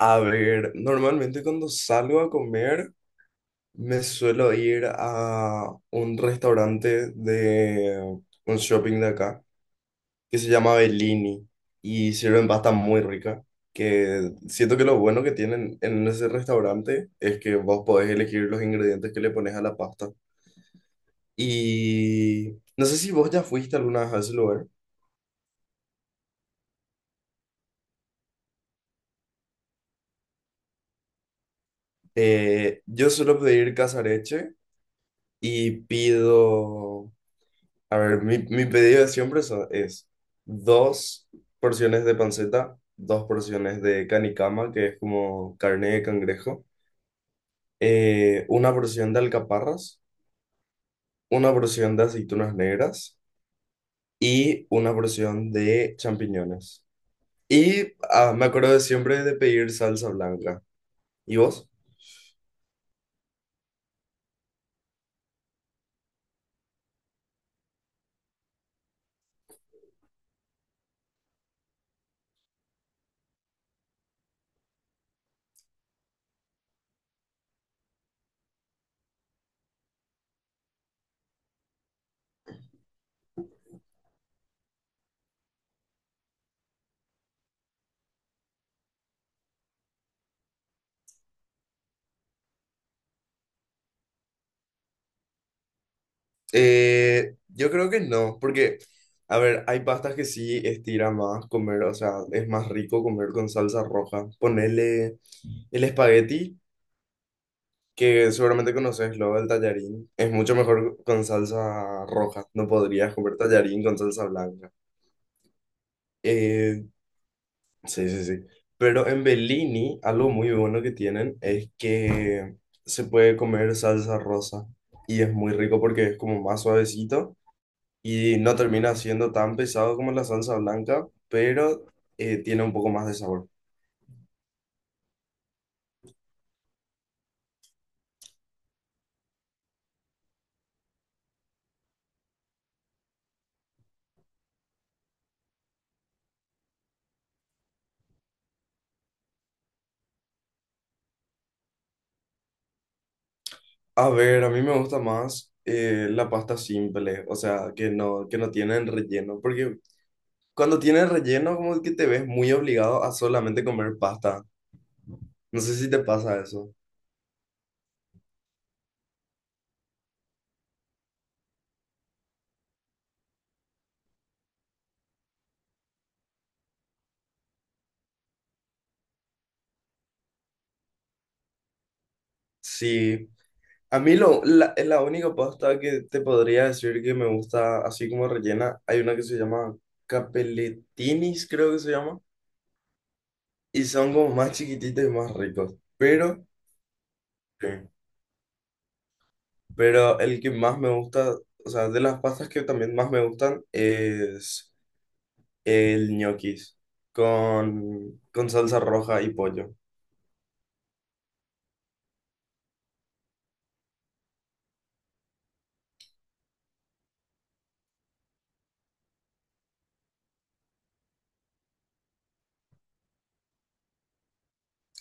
A ver, normalmente cuando salgo a comer me suelo ir a un restaurante de un shopping de acá que se llama Bellini y sirven pasta muy rica. Que siento que lo bueno que tienen en ese restaurante es que vos podés elegir los ingredientes que le pones a la pasta. Y no sé si vos ya fuiste alguna vez a ese lugar. Yo suelo pedir casareche y pido. A ver, mi pedido de siempre es dos porciones de panceta, dos porciones de canicama, que es como carne de cangrejo, una porción de alcaparras, una porción de aceitunas negras y una porción de champiñones. Y ah, me acuerdo de siempre de pedir salsa blanca. ¿Y vos? Yo creo que no, porque, a ver, hay pastas que sí estira más comer, o sea, es más rico comer con salsa roja. Ponele. El espagueti, que seguramente conoces, luego el tallarín, es mucho mejor con salsa roja. No podrías comer tallarín con salsa blanca. Eh, sí, sí, sí. Pero en Bellini, algo muy bueno que tienen es que se puede comer salsa rosa. Y es muy rico porque es como más suavecito y no termina siendo tan pesado como la salsa blanca, pero tiene un poco más de sabor. A ver, a mí me gusta más la pasta simple, o sea, que no tienen relleno, porque cuando tienen relleno como que te ves muy obligado a solamente comer pasta. No sé si te pasa eso. Sí, a mí la única pasta que te podría decir que me gusta así como rellena, hay una que se llama capelletinis, creo que se llama, y son como más chiquititos y más ricos, pero, sí, pero el que más me gusta, o sea, de las pastas que también más me gustan es... El ñoquis con salsa roja y pollo.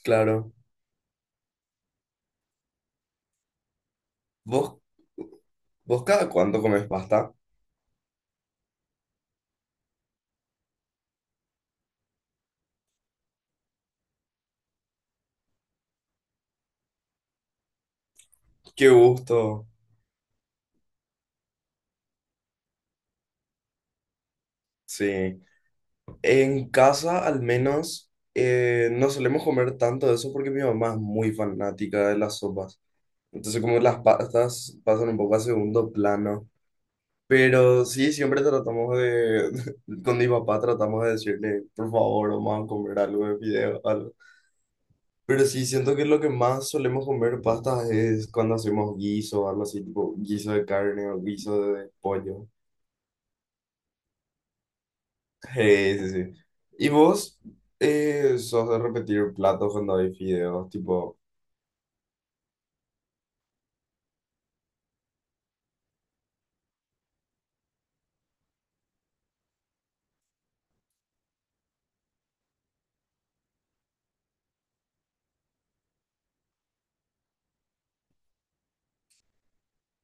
Claro. ¿Vos, vos cada cuánto comes pasta? Qué gusto. Sí. En casa al menos no solemos comer tanto de eso porque mi mamá es muy fanática de las sopas. Entonces como las pastas pasan un poco a segundo plano. Pero sí, siempre tratamos de, con mi papá tratamos de decirle, por favor, vamos a comer algo de fideo, algo. Pero sí, siento que lo que más solemos comer pastas es cuando hacemos guiso o algo así, tipo guiso de carne o guiso de pollo. Sí, sí, sí. ¿Y vos sos de repetir platos cuando hay fideos? Tipo,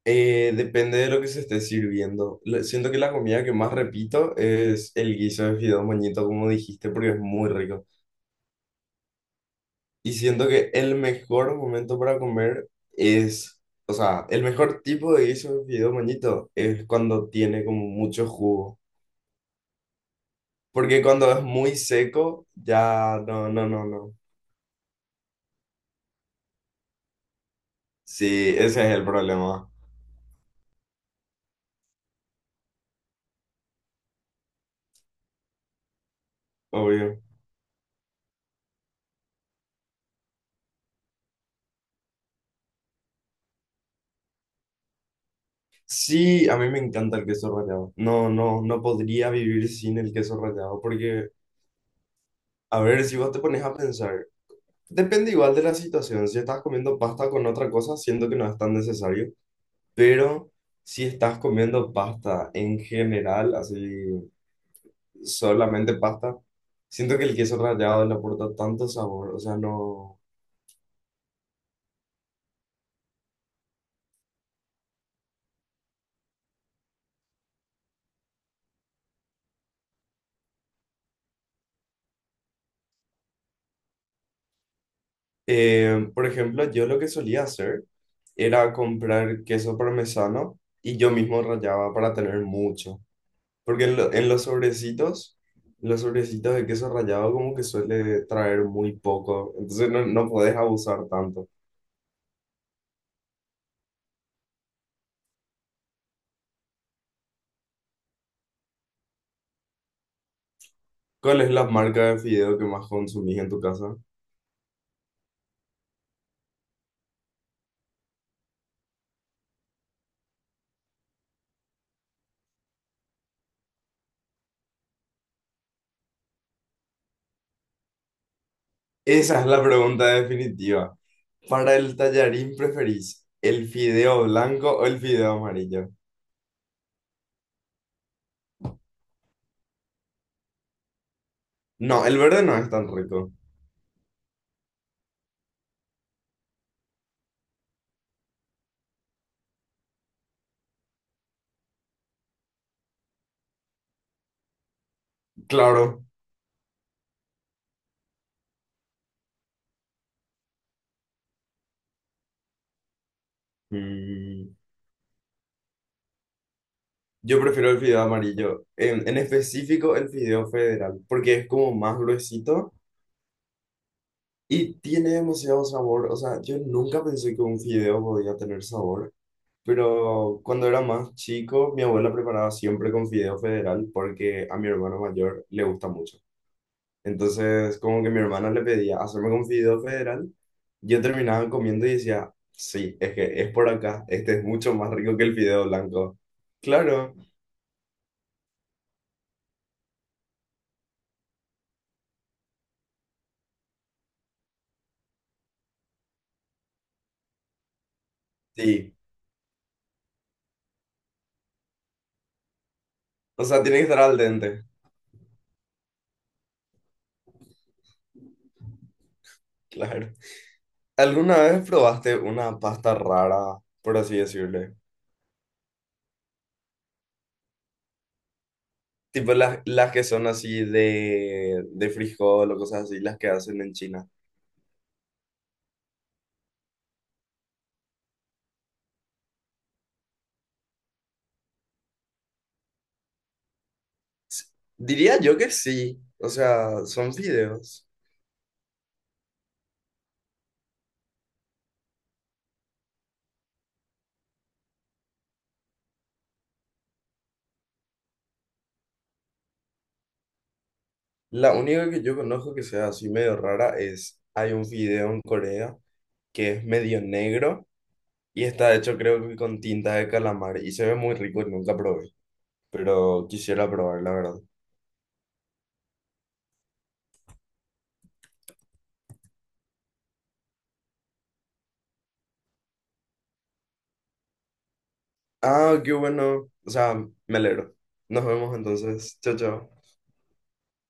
depende de lo que se esté sirviendo. Le- Siento que la comida que más repito es el guiso de fideos moñito, como dijiste, porque es muy rico. Y siento que el mejor momento para comer es, o sea, el mejor tipo de guiso de fideo moñito es cuando tiene como mucho jugo. Porque cuando es muy seco, ya no, no, no, no. Sí, ese es el problema, obvio. Sí, a mí me encanta el queso rallado. No, no, no podría vivir sin el queso rallado porque, a ver, si vos te pones a pensar, depende igual de la situación. Si estás comiendo pasta con otra cosa, siento que no es tan necesario. Pero si estás comiendo pasta en general, así solamente pasta, siento que el queso rallado le aporta tanto sabor. O sea, no. Por ejemplo, yo lo que solía hacer era comprar queso parmesano y yo mismo rallaba para tener mucho. Porque en los sobrecitos de queso rallado como que suele traer muy poco. Entonces no, no podés abusar tanto. ¿Cuál es la marca de fideo que más consumís en tu casa? Esa es la pregunta definitiva. Para el tallarín, ¿preferís el fideo blanco o el fideo amarillo? No, el verde no es tan rico. Claro. Mm, yo prefiero el fideo amarillo. En específico, el fideo federal, porque es como más gruesito y tiene demasiado sabor. O sea, yo nunca pensé que un fideo podía tener sabor. Pero cuando era más chico, mi abuela preparaba siempre con fideo federal porque a mi hermano mayor le gusta mucho. Entonces, como que mi hermana le pedía hacerme con fideo federal, yo terminaba comiendo y decía, sí, es que es por acá, este es mucho más rico que el fideo blanco. Claro, sí. O sea, tiene que estar al dente, claro. ¿Alguna vez probaste una pasta rara, por así decirle? Tipo las que son así de frijol o cosas así, las que hacen en China. Diría yo que sí, o sea, son fideos. La única que yo conozco que sea así medio rara es, hay un video en Corea que es medio negro y está hecho creo que con tinta de calamar y se ve muy rico y nunca probé, pero quisiera probar la verdad. Ah, qué bueno, o sea, me alegro. Nos vemos entonces, chao, chao.